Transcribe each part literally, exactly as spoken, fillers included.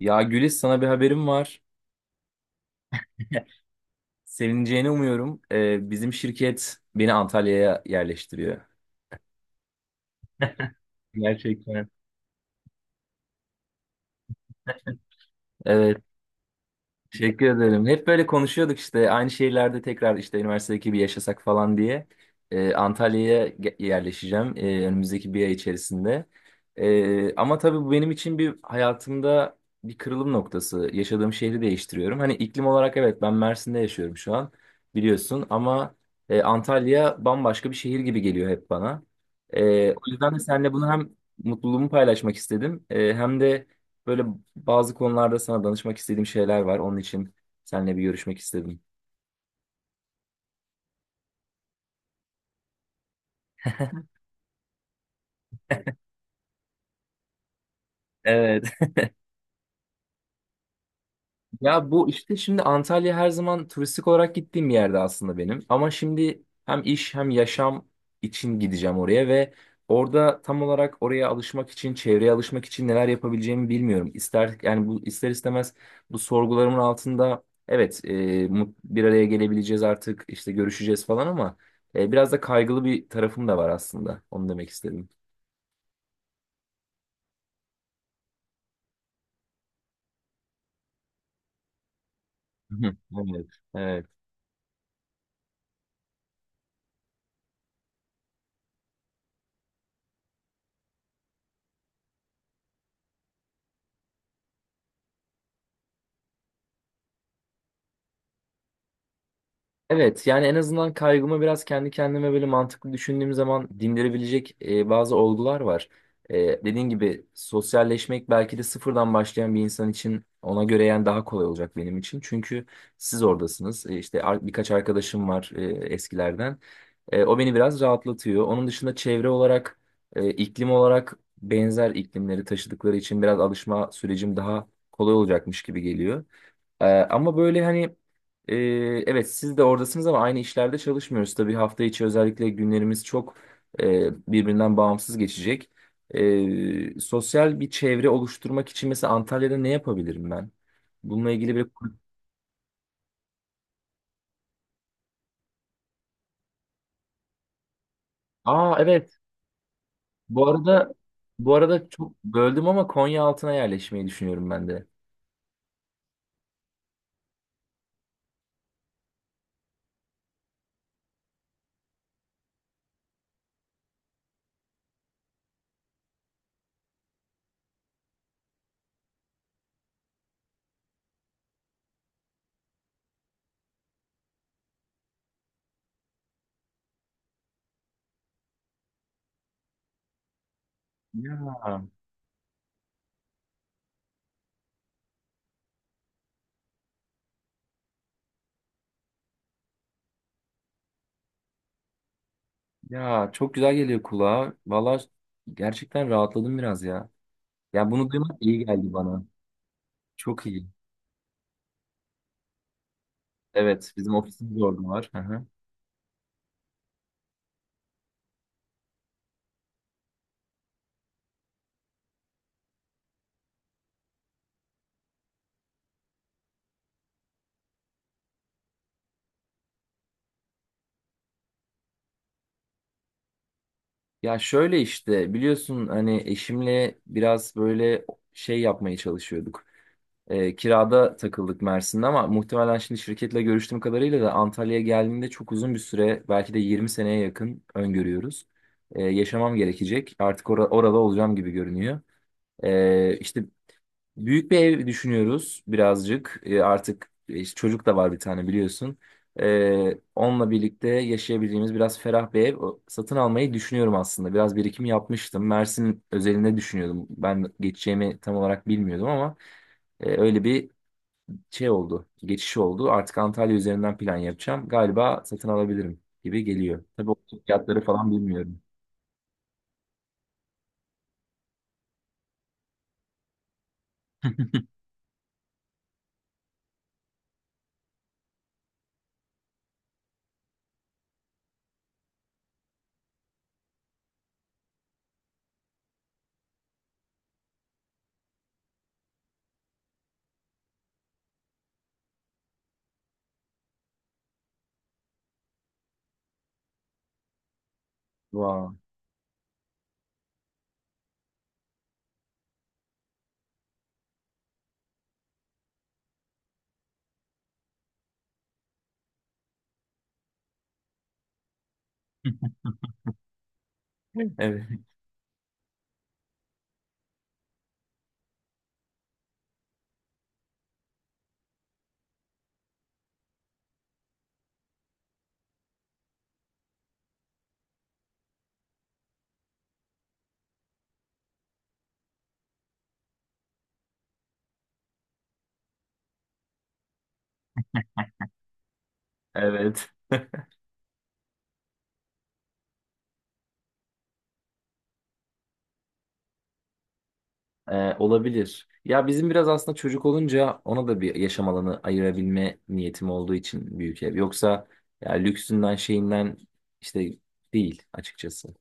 Ya Gülis, sana bir haberim var. Sevineceğini umuyorum. Ee, bizim şirket beni Antalya'ya yerleştiriyor. Gerçekten. Evet. Teşekkür ederim. Hep böyle konuşuyorduk işte aynı şehirlerde tekrar işte üniversitedeki bir yaşasak falan diye. Ee, Antalya'ya ge- yerleşeceğim ee, önümüzdeki bir ay içerisinde. Ee, ama tabii bu benim için bir hayatımda bir kırılım noktası. Yaşadığım şehri değiştiriyorum. Hani iklim olarak evet, ben Mersin'de yaşıyorum şu an biliyorsun ama e, Antalya bambaşka bir şehir gibi geliyor hep bana. Ee, o yüzden de seninle bunu hem mutluluğumu paylaşmak istedim, e, hem de böyle bazı konularda sana danışmak istediğim şeyler var. Onun için seninle bir görüşmek istedim. Evet. Ya bu işte, şimdi Antalya her zaman turistik olarak gittiğim bir yerde aslında benim. Ama şimdi hem iş hem yaşam için gideceğim oraya ve orada tam olarak oraya alışmak için, çevreye alışmak için neler yapabileceğimi bilmiyorum. İster yani, bu ister istemez bu sorgularımın altında evet, e, mut- bir araya gelebileceğiz artık işte, görüşeceğiz falan ama e, biraz da kaygılı bir tarafım da var aslında. Onu demek istedim. Hı. Evet, evet. Evet, yani en azından kaygımı biraz kendi kendime böyle mantıklı düşündüğüm zaman dindirebilecek e, bazı olgular var. E, dediğin gibi sosyalleşmek belki de sıfırdan başlayan bir insan için ona göre yani daha kolay olacak benim için. Çünkü siz oradasınız. E, işte ar- birkaç arkadaşım var e, eskilerden. E, o beni biraz rahatlatıyor. Onun dışında çevre olarak, e, iklim olarak benzer iklimleri taşıdıkları için biraz alışma sürecim daha kolay olacakmış gibi geliyor. Ee, ama böyle hani, e, evet siz de oradasınız ama aynı işlerde çalışmıyoruz. Tabii hafta içi özellikle günlerimiz çok e, birbirinden bağımsız geçecek. E, sosyal bir çevre oluşturmak için mesela Antalya'da ne yapabilirim ben? Bununla ilgili bir... Aa evet, bu arada, bu arada çok böldüm ama Konya altına yerleşmeyi düşünüyorum ben de. Ya, ya çok güzel geliyor kulağa. Valla gerçekten rahatladım biraz ya. Ya bunu duymak iyi geldi bana. Çok iyi. Evet, bizim ofisin de orada var. Hı hı. Ya şöyle işte, biliyorsun hani eşimle biraz böyle şey yapmaya çalışıyorduk. Ee, kirada takıldık Mersin'de, ama muhtemelen şimdi şirketle görüştüğüm kadarıyla da Antalya'ya geldiğinde çok uzun bir süre, belki de yirmi seneye yakın öngörüyoruz. Ee, yaşamam gerekecek. Artık ora- orada olacağım gibi görünüyor. Ee, işte büyük bir ev düşünüyoruz birazcık. E, artık e, işte çocuk da var bir tane biliyorsun. E, onunla birlikte yaşayabileceğimiz biraz ferah bir ev o- satın almayı düşünüyorum aslında. Biraz birikim yapmıştım. Mersin özelinde düşünüyordum. Ben geçeceğimi tam olarak bilmiyordum ama e, öyle bir şey oldu. Geçiş oldu. Artık Antalya üzerinden plan yapacağım. Galiba satın alabilirim gibi geliyor. Tabii o fiyatları falan bilmiyorum. Wow. Evet. Evet. Ee, olabilir. Ya bizim biraz aslında çocuk olunca ona da bir yaşam alanı ayırabilme niyetim olduğu için büyük ev. Yoksa ya lüksünden şeyinden işte değil açıkçası.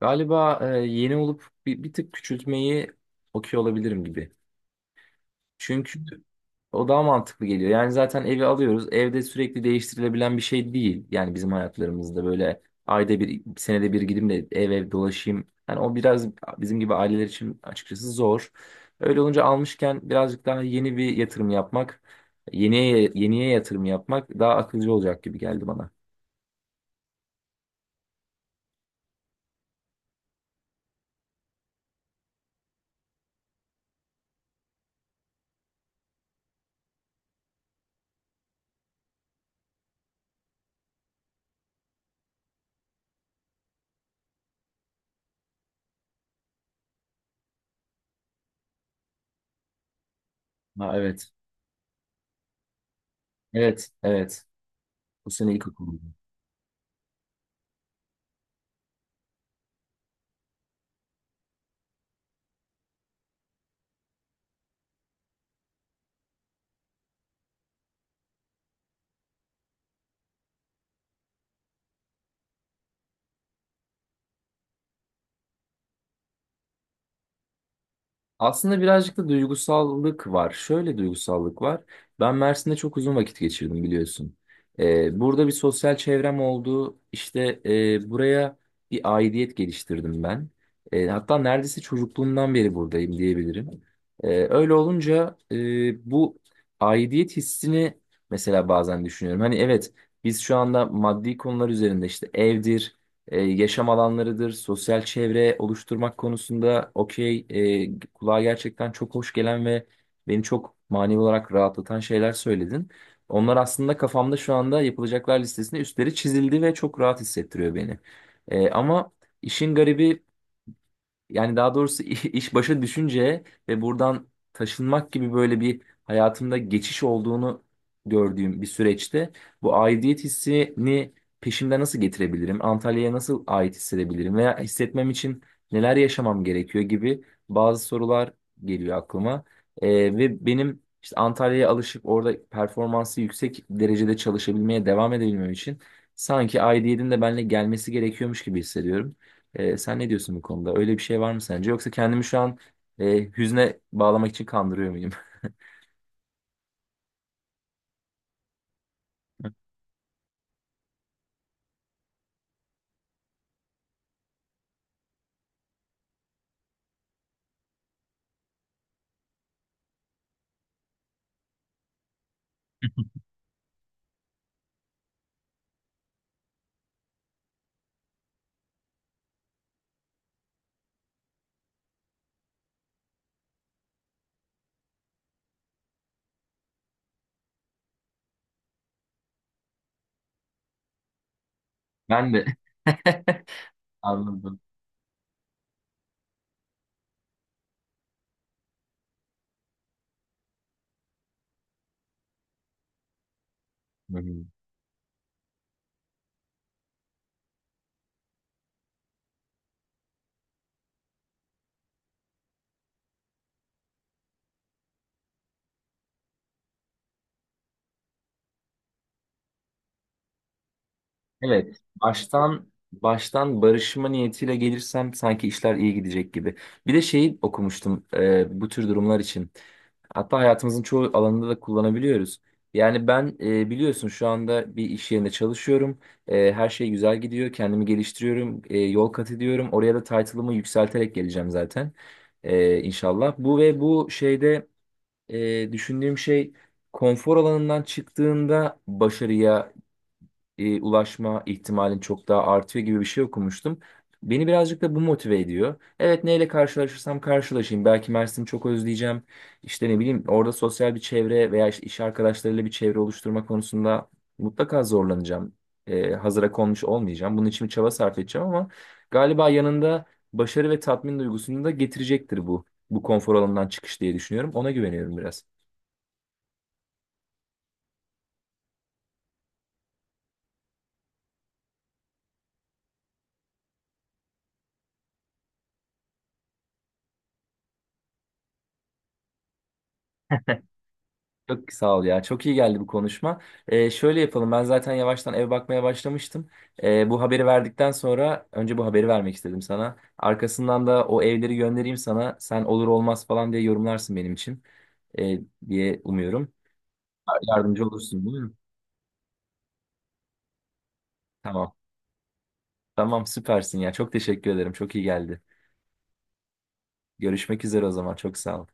Galiba e, yeni olup bir, bir tık küçültmeyi okuyor olabilirim gibi. Çünkü o daha mantıklı geliyor. Yani zaten evi alıyoruz. Evde sürekli değiştirilebilen bir şey değil. Yani bizim hayatlarımızda böyle ayda bir, senede bir gideyim de ev ev dolaşayım. Yani o biraz bizim gibi aileler için açıkçası zor. Öyle olunca almışken birazcık daha yeni bir yatırım yapmak, yeniye, yeniye yatırım yapmak daha akılcı olacak gibi geldi bana. Ha, evet. Evet, evet. Bu sene ilk aslında birazcık da duygusallık var. Şöyle duygusallık var. Ben Mersin'de çok uzun vakit geçirdim biliyorsun. Ee, burada bir sosyal çevrem oldu. İşte e, buraya bir aidiyet geliştirdim ben. E, hatta neredeyse çocukluğumdan beri buradayım diyebilirim. E, öyle olunca e, bu aidiyet hissini mesela bazen düşünüyorum. Hani evet, biz şu anda maddi konular üzerinde işte evdir, e, yaşam alanlarıdır, sosyal çevre oluşturmak konusunda okey, e, kulağa gerçekten çok hoş gelen ve beni çok manevi olarak rahatlatan şeyler söyledin. Onlar aslında kafamda şu anda yapılacaklar listesinde üstleri çizildi ve çok rahat hissettiriyor beni. E, ama işin garibi, yani daha doğrusu i- iş başa düşünce ve buradan taşınmak gibi böyle bir hayatımda geçiş olduğunu gördüğüm bir süreçte bu aidiyet hissini peşimde nasıl getirebilirim? Antalya'ya nasıl ait hissedebilirim? Veya hissetmem için neler yaşamam gerekiyor gibi bazı sorular geliyor aklıma. Ee, Ve benim işte Antalya'ya alışıp orada performansı yüksek derecede çalışabilmeye devam edebilmem için sanki aidiyetin de benimle gelmesi gerekiyormuş gibi hissediyorum. Ee, sen ne diyorsun bu konuda? Öyle bir şey var mı sence? Yoksa kendimi şu an e, hüzne bağlamak için kandırıyor muyum? Ben de. Anladım. Hı hı. Evet, baştan baştan barışma niyetiyle gelirsem sanki işler iyi gidecek gibi. Bir de şeyi okumuştum e, bu tür durumlar için. Hatta hayatımızın çoğu alanında da kullanabiliyoruz. Yani ben, e, biliyorsun şu anda bir iş yerinde çalışıyorum. E, her şey güzel gidiyor. Kendimi geliştiriyorum, e, yol kat ediyorum. Oraya da title'ımı yükselterek geleceğim zaten. E, inşallah. Bu ve bu şeyde e, düşündüğüm şey, konfor alanından çıktığında başarıya e, ulaşma ihtimalin çok daha artıyor gibi bir şey okumuştum. Beni birazcık da bu motive ediyor. Evet, neyle karşılaşırsam karşılaşayım. Belki Mersin'i çok özleyeceğim. İşte ne bileyim, orada sosyal bir çevre veya işte iş arkadaşlarıyla bir çevre oluşturma konusunda mutlaka zorlanacağım. E, hazıra konmuş olmayacağım. Bunun için bir çaba sarf edeceğim, ama galiba yanında başarı ve tatmin duygusunu da getirecektir bu. Bu konfor alanından çıkış diye düşünüyorum. Ona güveniyorum biraz. Çok sağ ol ya. Çok iyi geldi bu konuşma. Ee, şöyle yapalım. Ben zaten yavaştan ev bakmaya başlamıştım. Ee, bu haberi verdikten sonra, önce bu haberi vermek istedim sana. Arkasından da o evleri göndereyim sana. Sen olur olmaz falan diye yorumlarsın benim için Ee, diye umuyorum. Yardımcı olursun değil mi? Tamam. Tamam, süpersin ya. Çok teşekkür ederim. Çok iyi geldi. Görüşmek üzere o zaman. Çok sağ ol.